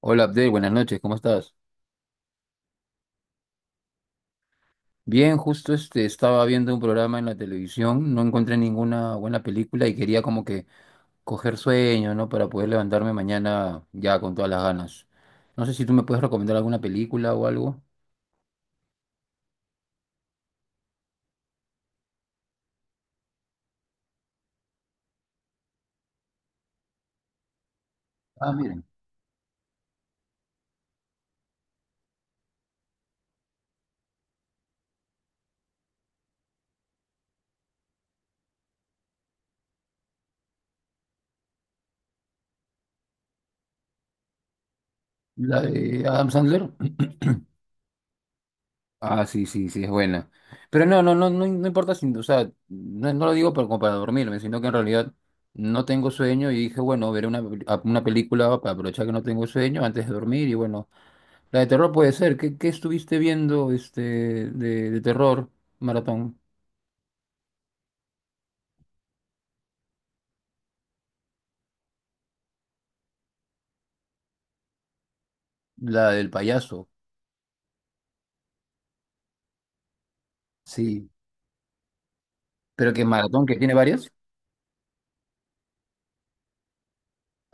Hola Abdel, buenas noches, ¿cómo estás? Bien, justo estaba viendo un programa en la televisión, no encontré ninguna buena película y quería como que coger sueño, ¿no? Para poder levantarme mañana ya con todas las ganas. No sé si tú me puedes recomendar alguna película o algo. Ah, miren, la de Adam Sandler. Ah, sí, sí, sí, es buena. Pero no, no, no, no, no importa si, o sea, no, no lo digo para, como para dormirme, sino que en realidad no tengo sueño y dije, bueno, veré una película para aprovechar que no tengo sueño antes de dormir y bueno. La de terror puede ser. ¿Qué, qué estuviste viendo de terror, maratón? La del payaso, sí. ¿Pero que maratón, que tiene varias?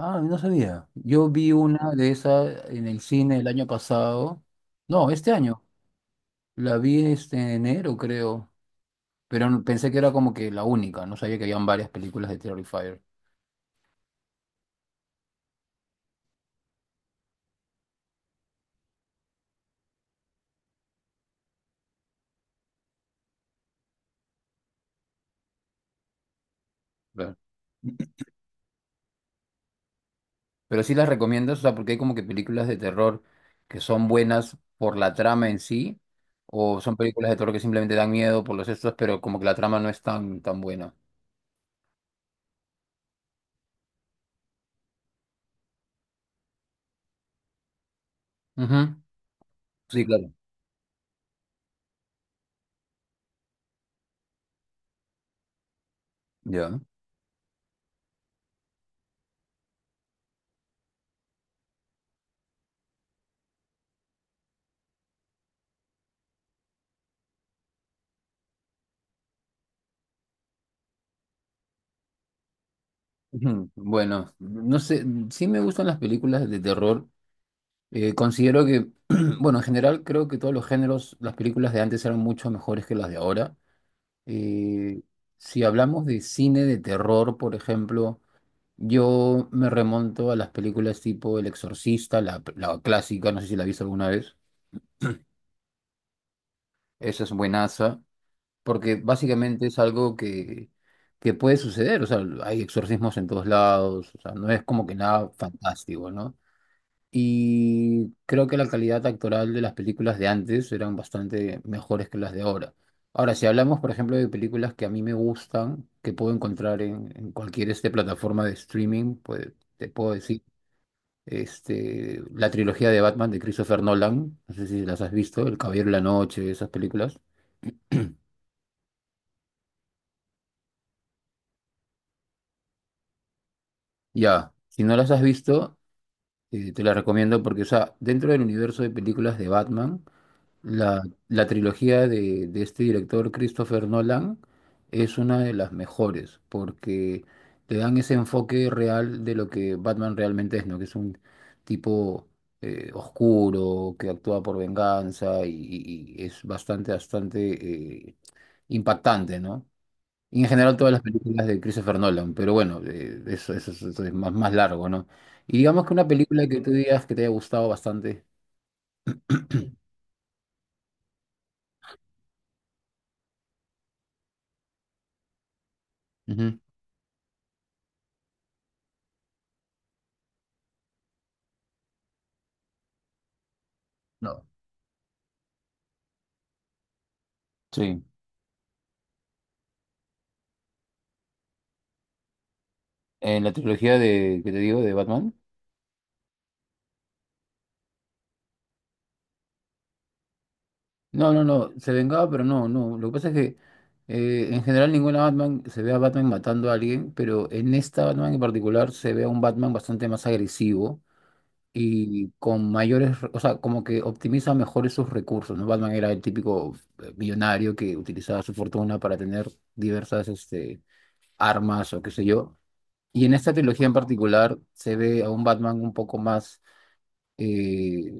Ah, no sabía. Yo vi una de esas en el cine el año pasado. No, este año. La vi en enero, creo. Pero pensé que era como que la única. No sabía que habían varias películas de Terrifier. Claro. Pero sí las recomiendas, o sea, porque hay como que películas de terror que son buenas por la trama en sí, o son películas de terror que simplemente dan miedo por los estos, pero como que la trama no es tan, tan buena. Ujú. Sí, claro. Ya. Ujú. Bueno, no sé, sí me gustan las películas de terror. Considero que, bueno, en general creo que todos los géneros, las películas de antes eran mucho mejores que las de ahora. Eh, si hablamos de cine de terror, por ejemplo. Yo me remonto a las películas tipo El Exorcista, la clásica, no sé si la viste alguna vez. Esa es buenaza, porque básicamente es algo que puede suceder. O sea, hay exorcismos en todos lados, o sea, no es como que nada fantástico, ¿no? Y creo que la calidad actoral de las películas de antes eran bastante mejores que las de ahora. Ahora, si hablamos, por ejemplo, de películas que a mí me gustan, que puedo encontrar en cualquier plataforma de streaming, pues te puedo decir. La trilogía de Batman de Christopher Nolan, no sé si las has visto, El Caballero de la Noche, esas películas. Ya, si no las has visto, te las recomiendo porque, o sea, dentro del universo de películas de Batman, la, la trilogía de este director Christopher Nolan es una de las mejores porque te dan ese enfoque real de lo que Batman realmente es, ¿no? Que es un tipo oscuro, que actúa por venganza y es bastante, bastante... eh, impactante, ¿no? Y en general todas las películas de Christopher Nolan, pero bueno, eso, eso, eso es más, más largo, ¿no? Y digamos que una película que tú digas que te haya gustado bastante. Ujú. No. Sí. En la trilogía de, que te digo, de Batman. No, no, no, se vengaba, pero no, no. Lo que pasa es que en general ninguna Batman se ve a Batman matando a alguien, pero en esta Batman en particular se ve a un Batman bastante más agresivo y con mayores, o sea, como que optimiza mejor esos recursos, ¿no? Batman era el típico millonario que utilizaba su fortuna para tener diversas armas o qué sé yo. Y en esta trilogía en particular se ve a un Batman un poco más, eh,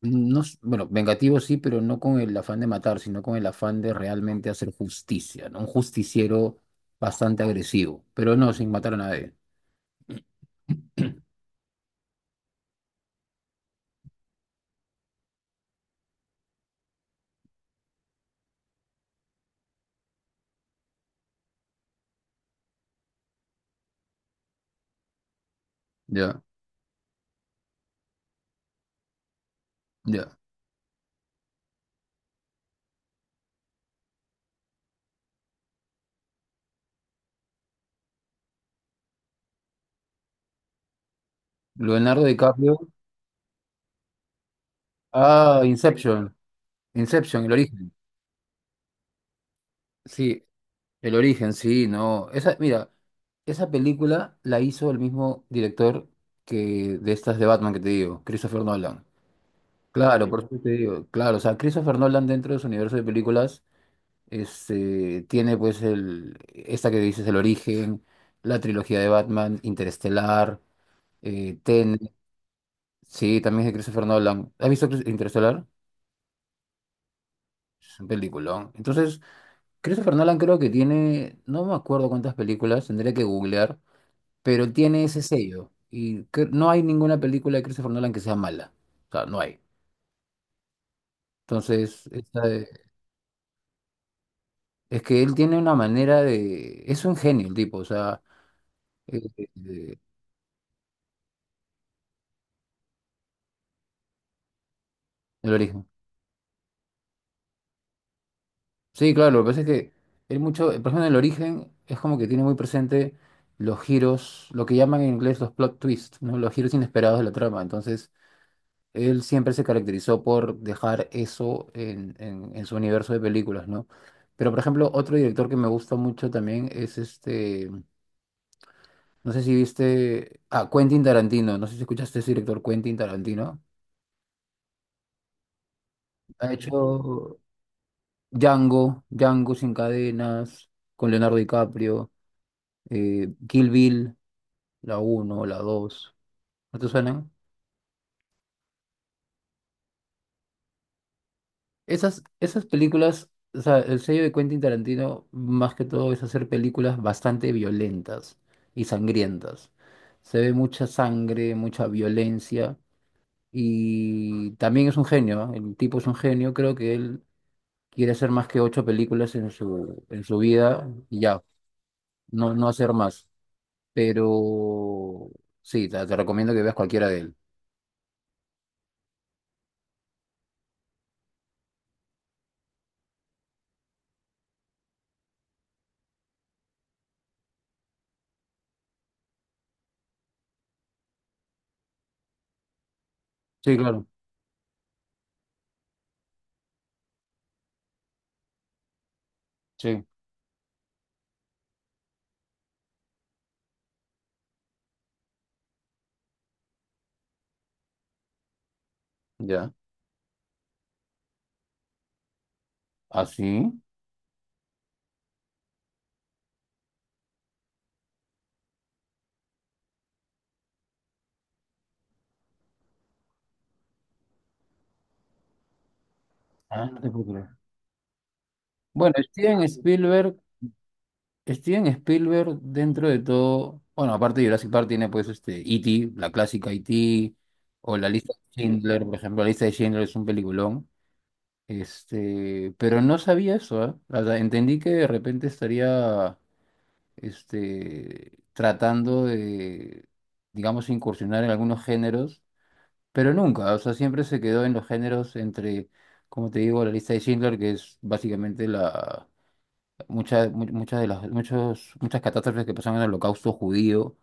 no, bueno, vengativo sí, pero no con el afán de matar, sino con el afán de realmente hacer justicia, ¿no? Un justiciero bastante agresivo, pero no sin matar a nadie. Ya, ya. Leonardo DiCaprio. Ah, Inception. Inception, el origen. Sí, el origen, sí, no. Esa, mira, esa película la hizo el mismo director que de estas de Batman que te digo, Christopher Nolan. Claro, por Ujú. Eso te digo, claro, o sea, Christopher Nolan dentro de su universo de películas tiene pues el, esta que dices, el origen, la trilogía de Batman, Interestelar, Tenet, sí, también es de Christopher Nolan. ¿Has visto Interestelar? Es un peliculón. Entonces, Christopher Nolan creo que tiene, no me acuerdo cuántas películas, tendría que googlear, pero tiene ese sello. Y no hay ninguna película de Christopher Nolan que sea mala. O sea, no hay. Entonces, es que él tiene una manera de... Es un genio el tipo, o sea, eh, eh, eh, el origen. Sí, claro, lo que pasa es que él mucho, por ejemplo, en el origen es como que tiene muy presente los giros, lo que llaman en inglés los plot twists, ¿no? Los giros inesperados de la trama. Entonces... Él siempre se caracterizó por dejar eso en, en su universo de películas, ¿no? Pero, por ejemplo, otro director que me gusta mucho también es no sé si viste, ah, Quentin Tarantino, no sé si escuchaste ese director Quentin Tarantino. Ha hecho Django, Django sin cadenas, con Leonardo DiCaprio, Kill Bill, la uno, la dos, ¿no te suenan? Esas, esas películas, o sea, el sello de Quentin Tarantino más que todo es hacer películas bastante violentas y sangrientas. Se ve mucha sangre, mucha violencia y también es un genio, ¿ah? El tipo es un genio, creo que él quiere hacer más que ocho películas en su vida y ya, no, no hacer más. Pero sí, te recomiendo que veas cualquiera de él. Sí, claro, sí, ya. ¿Así? ¿Ah, sí? Ah, no te puedo creer. Bueno, Steven Spielberg, dentro de todo, bueno, aparte de Jurassic Park, tiene pues este E.T., la clásica E.T., o la lista de Schindler, por ejemplo, la lista de Schindler es un peliculón. Pero no sabía eso, ¿eh? O sea, entendí que de repente estaría tratando de, digamos, incursionar en algunos géneros, pero nunca, o sea, siempre se quedó en los géneros entre, como te digo, la lista de Schindler, que es básicamente la muchas, muchas de las, muchos, muchas catástrofes que pasaron en el holocausto judío,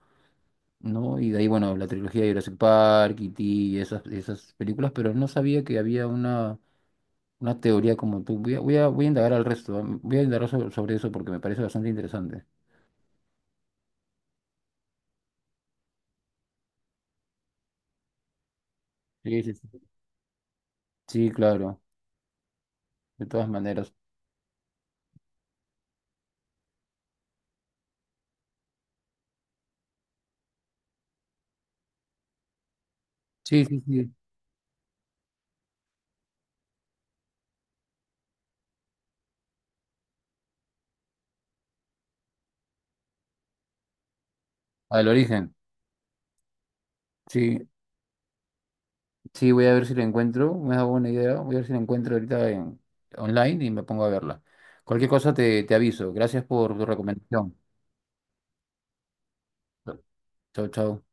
¿no? Y de ahí, bueno, la trilogía de Jurassic Park, E.T. y esas, esas películas, pero no sabía que había una teoría como tú. Voy a, voy a, voy a indagar al resto, ¿ah? Voy a indagar sobre, sobre eso porque me parece bastante interesante. Sí, sí, sí. Sí, claro, de todas maneras. Sí, sí, sí. Al origen. Sí, sí, voy a ver si la encuentro. Me da buena idea. Voy a ver si la encuentro ahorita en, online y me pongo a verla. Cualquier cosa te, te aviso. Gracias por tu recomendación. Chau, chau.